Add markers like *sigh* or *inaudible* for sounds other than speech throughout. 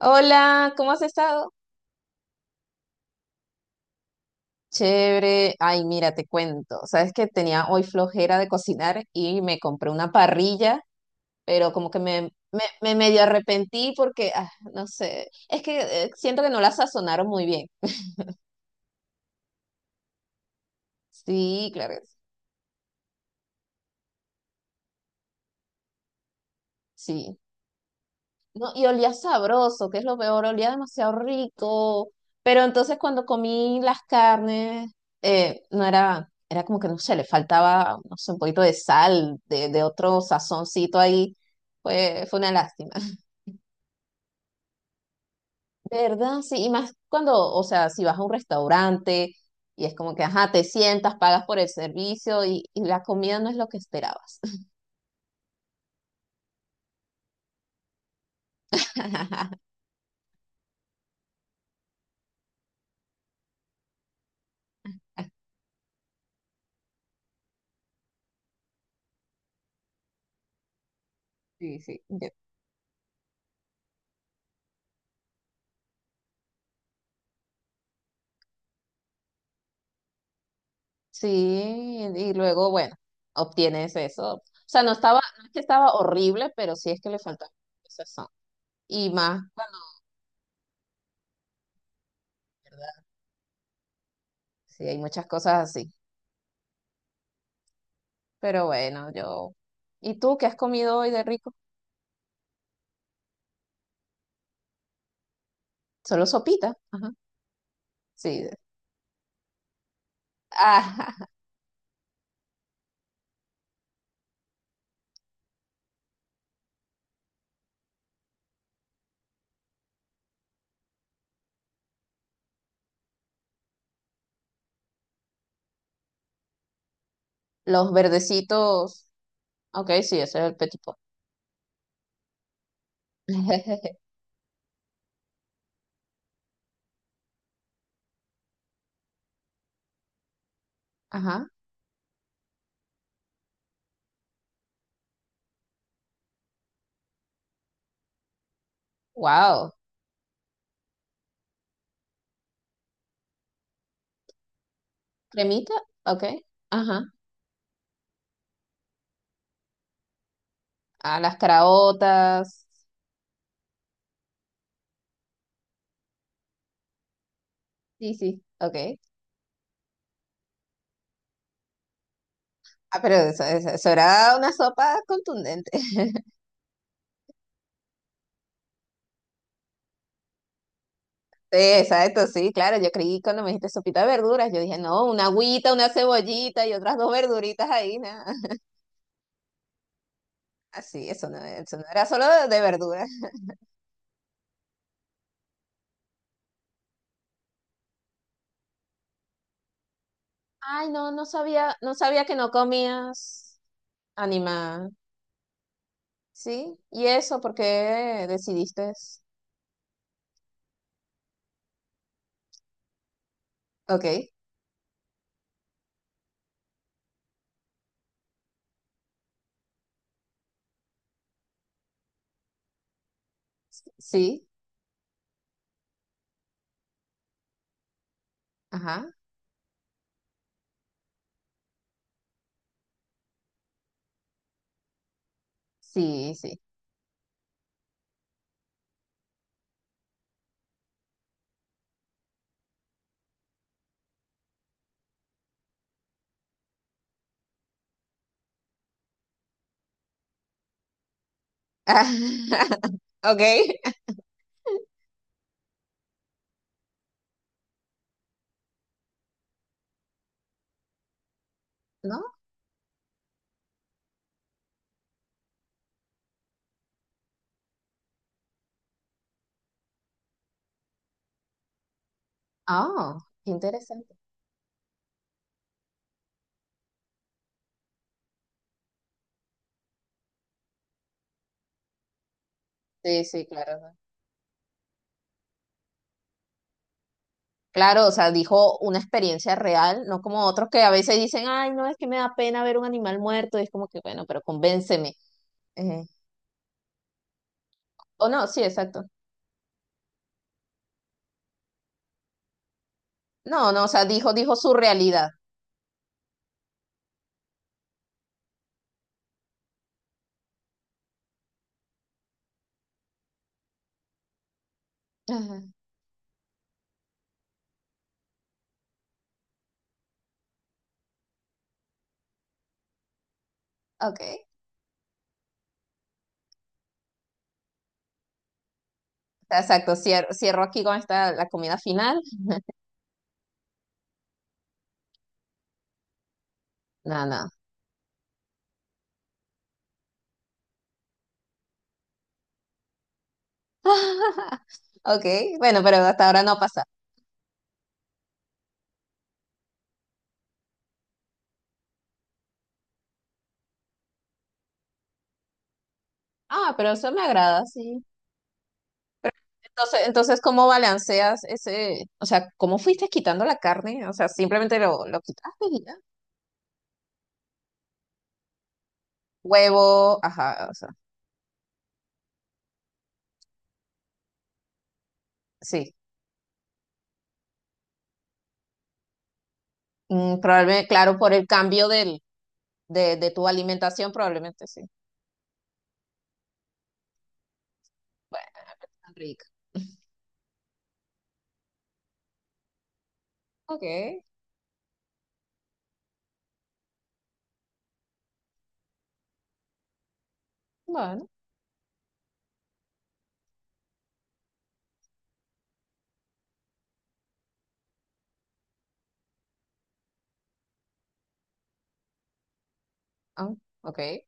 Hola, ¿cómo has estado? Chévere. Ay, mira, te cuento. Sabes que tenía hoy flojera de cocinar y me compré una parrilla, pero como que me medio arrepentí porque, no sé, es que siento que no la sazonaron muy bien. Sí, claro, que sí. Sí. No, y olía sabroso, que es lo peor, olía demasiado rico. Pero entonces cuando comí las carnes, no era, era como que no sé, le faltaba, no sé, un poquito de sal, de otro sazoncito ahí. Fue una lástima. *laughs* ¿Verdad? Sí, y más cuando, o sea, si vas a un restaurante y es como que, ajá, te sientas, pagas por el servicio y la comida no es lo que esperabas. *laughs* Sí, sí. Sí, y luego, bueno, obtienes eso. O sea, no estaba, no es que estaba horrible, pero sí es que le faltaba son. Y más, cuando, ¿verdad? Sí, hay muchas cosas así. Pero bueno, yo. ¿Y tú qué has comido hoy de rico? Solo sopita. Ajá. Sí. Ah, *laughs* los verdecitos. Ok, sí, ese es el petit pot. *laughs* Ajá. Wow. Cremita. Ok. Ajá. Ah, las caraotas. Sí, sí. Ok. Ah, pero eso era una sopa contundente. Sí, exacto, sí, claro. Yo creí cuando me dijiste sopita de verduras, yo dije, no, una agüita, una cebollita y otras dos verduritas ahí, nada. *laughs* Así, eso no era solo de verduras. Ay, no, no sabía que no comías animal. Sí, ¿y eso por qué decidiste? Ok, sí, ajá, sí, sí. *laughs* Ok, ¿no? Oh, qué interesante. Sí, sí, claro. Claro, o sea, dijo una experiencia real, no como otros que a veces dicen, ay, no, es que me da pena ver un animal muerto, y es como que, bueno, pero convénceme. Eh, o no, sí, exacto. No, no, o sea, dijo su realidad. Ajá, ok, o sea, exacto, cierro, aquí con esta, la comida final. No, no. *laughs* Ok, bueno, pero hasta ahora no pasa. Ah, pero eso me agrada, sí. Entonces, ¿cómo balanceas ese, o sea, cómo fuiste quitando la carne? O sea, simplemente lo quitaste y ya. Huevo, ajá, o sea. Sí, probablemente, claro, por el cambio de tu alimentación, probablemente sí. Bueno, tan rica. Ok, bueno, ah, ok,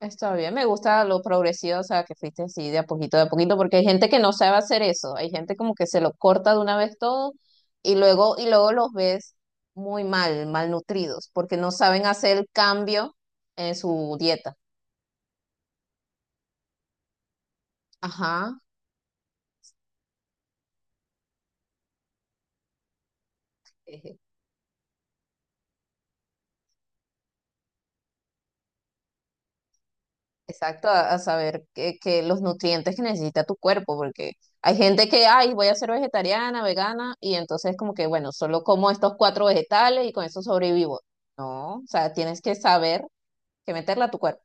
está bien. Me gusta lo progresivo, o sea, que fuiste así de a poquito, porque hay gente que no sabe hacer eso. Hay gente como que se lo corta de una vez todo y luego los ves muy mal, malnutridos, porque no saben hacer el cambio en su dieta. Ajá. Exacto, a saber que los nutrientes que necesita tu cuerpo, porque hay gente que, ay, voy a ser vegetariana, vegana, y entonces como que, bueno, solo como estos cuatro vegetales y con eso sobrevivo. No, o sea, tienes que saber que meterla a tu cuerpo,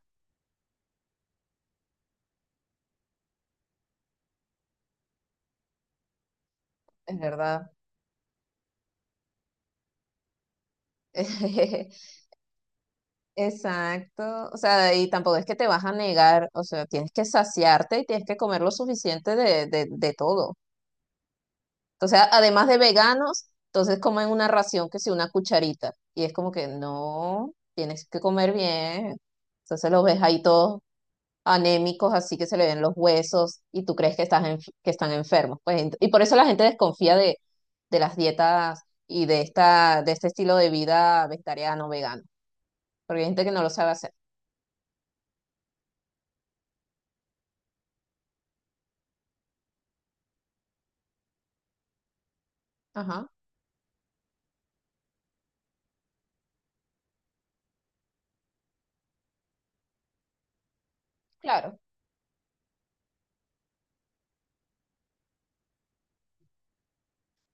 es verdad. *laughs* Exacto, o sea, y tampoco es que te vas a negar, o sea, tienes que saciarte y tienes que comer lo suficiente de todo. Entonces, además de veganos, entonces comen una ración que si una cucharita. Y es como que no, tienes que comer bien. Entonces los ves ahí todos anémicos, así que se le ven los huesos y tú crees que están enfermos. Pues, y por eso la gente desconfía de las dietas y de este estilo de vida vegetariano, vegano. Porque hay gente que no lo sabe hacer. Ajá, claro.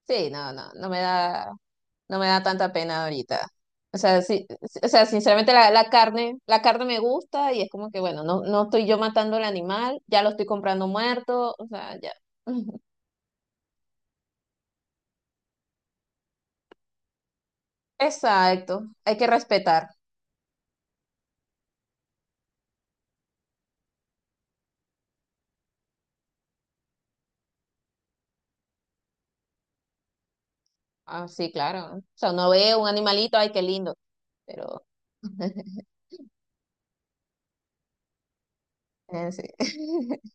Sí, no, no, no me da tanta pena ahorita. O sea, sí, sí, o sea, sinceramente la carne, la carne me gusta y es como que, bueno, no, no estoy yo matando al animal, ya lo estoy comprando muerto, o sea, ya. *laughs* Exacto, hay que respetar. Ah, sí, claro. O sea, uno ve un animalito, ay, qué lindo, pero. *laughs* Sí. *laughs*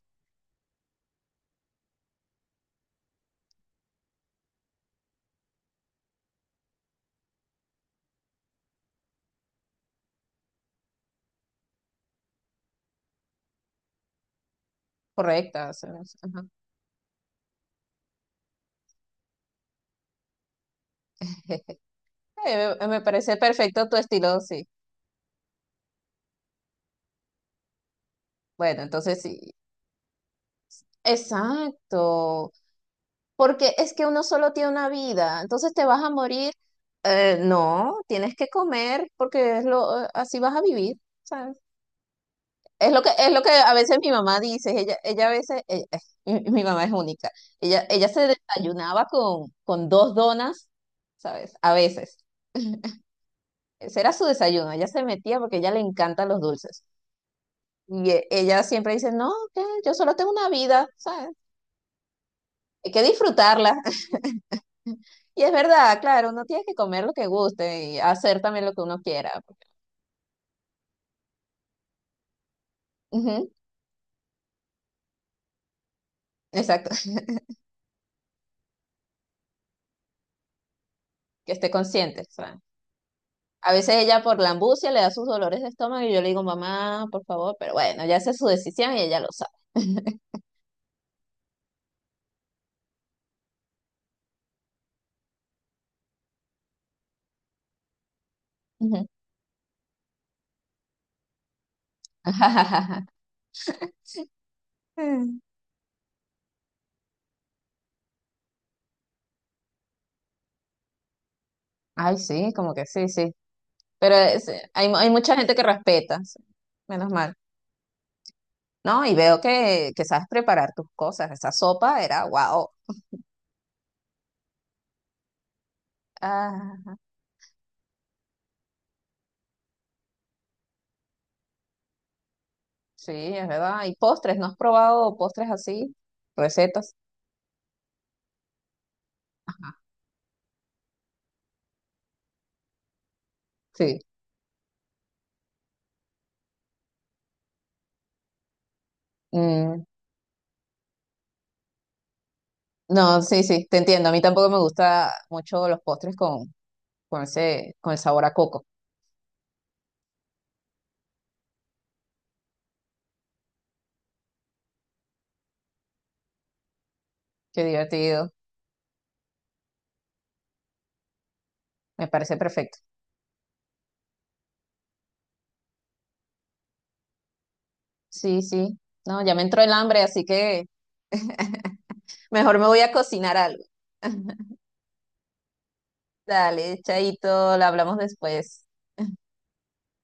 Correcta. O sea, no sé, ajá. *laughs* Me parece perfecto tu estilo, sí. Bueno, entonces sí. Exacto. Porque es que uno solo tiene una vida, entonces te vas a morir. No, tienes que comer porque así vas a vivir, ¿sabes? Es lo que a veces mi mamá dice, ella a veces, *laughs* mi mamá es única, ella se desayunaba con dos donas, ¿sabes? A veces. *laughs* Ese era su desayuno, ella se metía porque a ella le encantan los dulces. Y ella siempre dice, no, que yo solo tengo una vida, ¿sabes? Hay que disfrutarla. Y es verdad, claro, uno tiene que comer lo que guste y hacer también lo que uno quiera. Ujú, exacto, *laughs* que esté consciente. O A veces ella por la ambucia le da sus dolores de estómago y yo le digo, mamá, por favor, pero bueno, ya esa es su decisión y ella lo sabe. *laughs* Ujú. *laughs* Mm. Ay, sí, como que sí, sí. Pero hay, hay mucha gente que respeta, sí, menos mal. No, y veo que sabes preparar tus cosas. Esa sopa era wow. Sí, es verdad. ¿Y postres? ¿No has probado postres así? ¿Recetas? Sí. Mm, no, sí, sí, te entiendo. A mí tampoco me gusta mucho los postres con el sabor a coco. Qué divertido. Me parece perfecto. Sí, sí. No, ya me entró el hambre, así que mejor me voy a cocinar algo. *laughs* Dale, chaito, la hablamos después.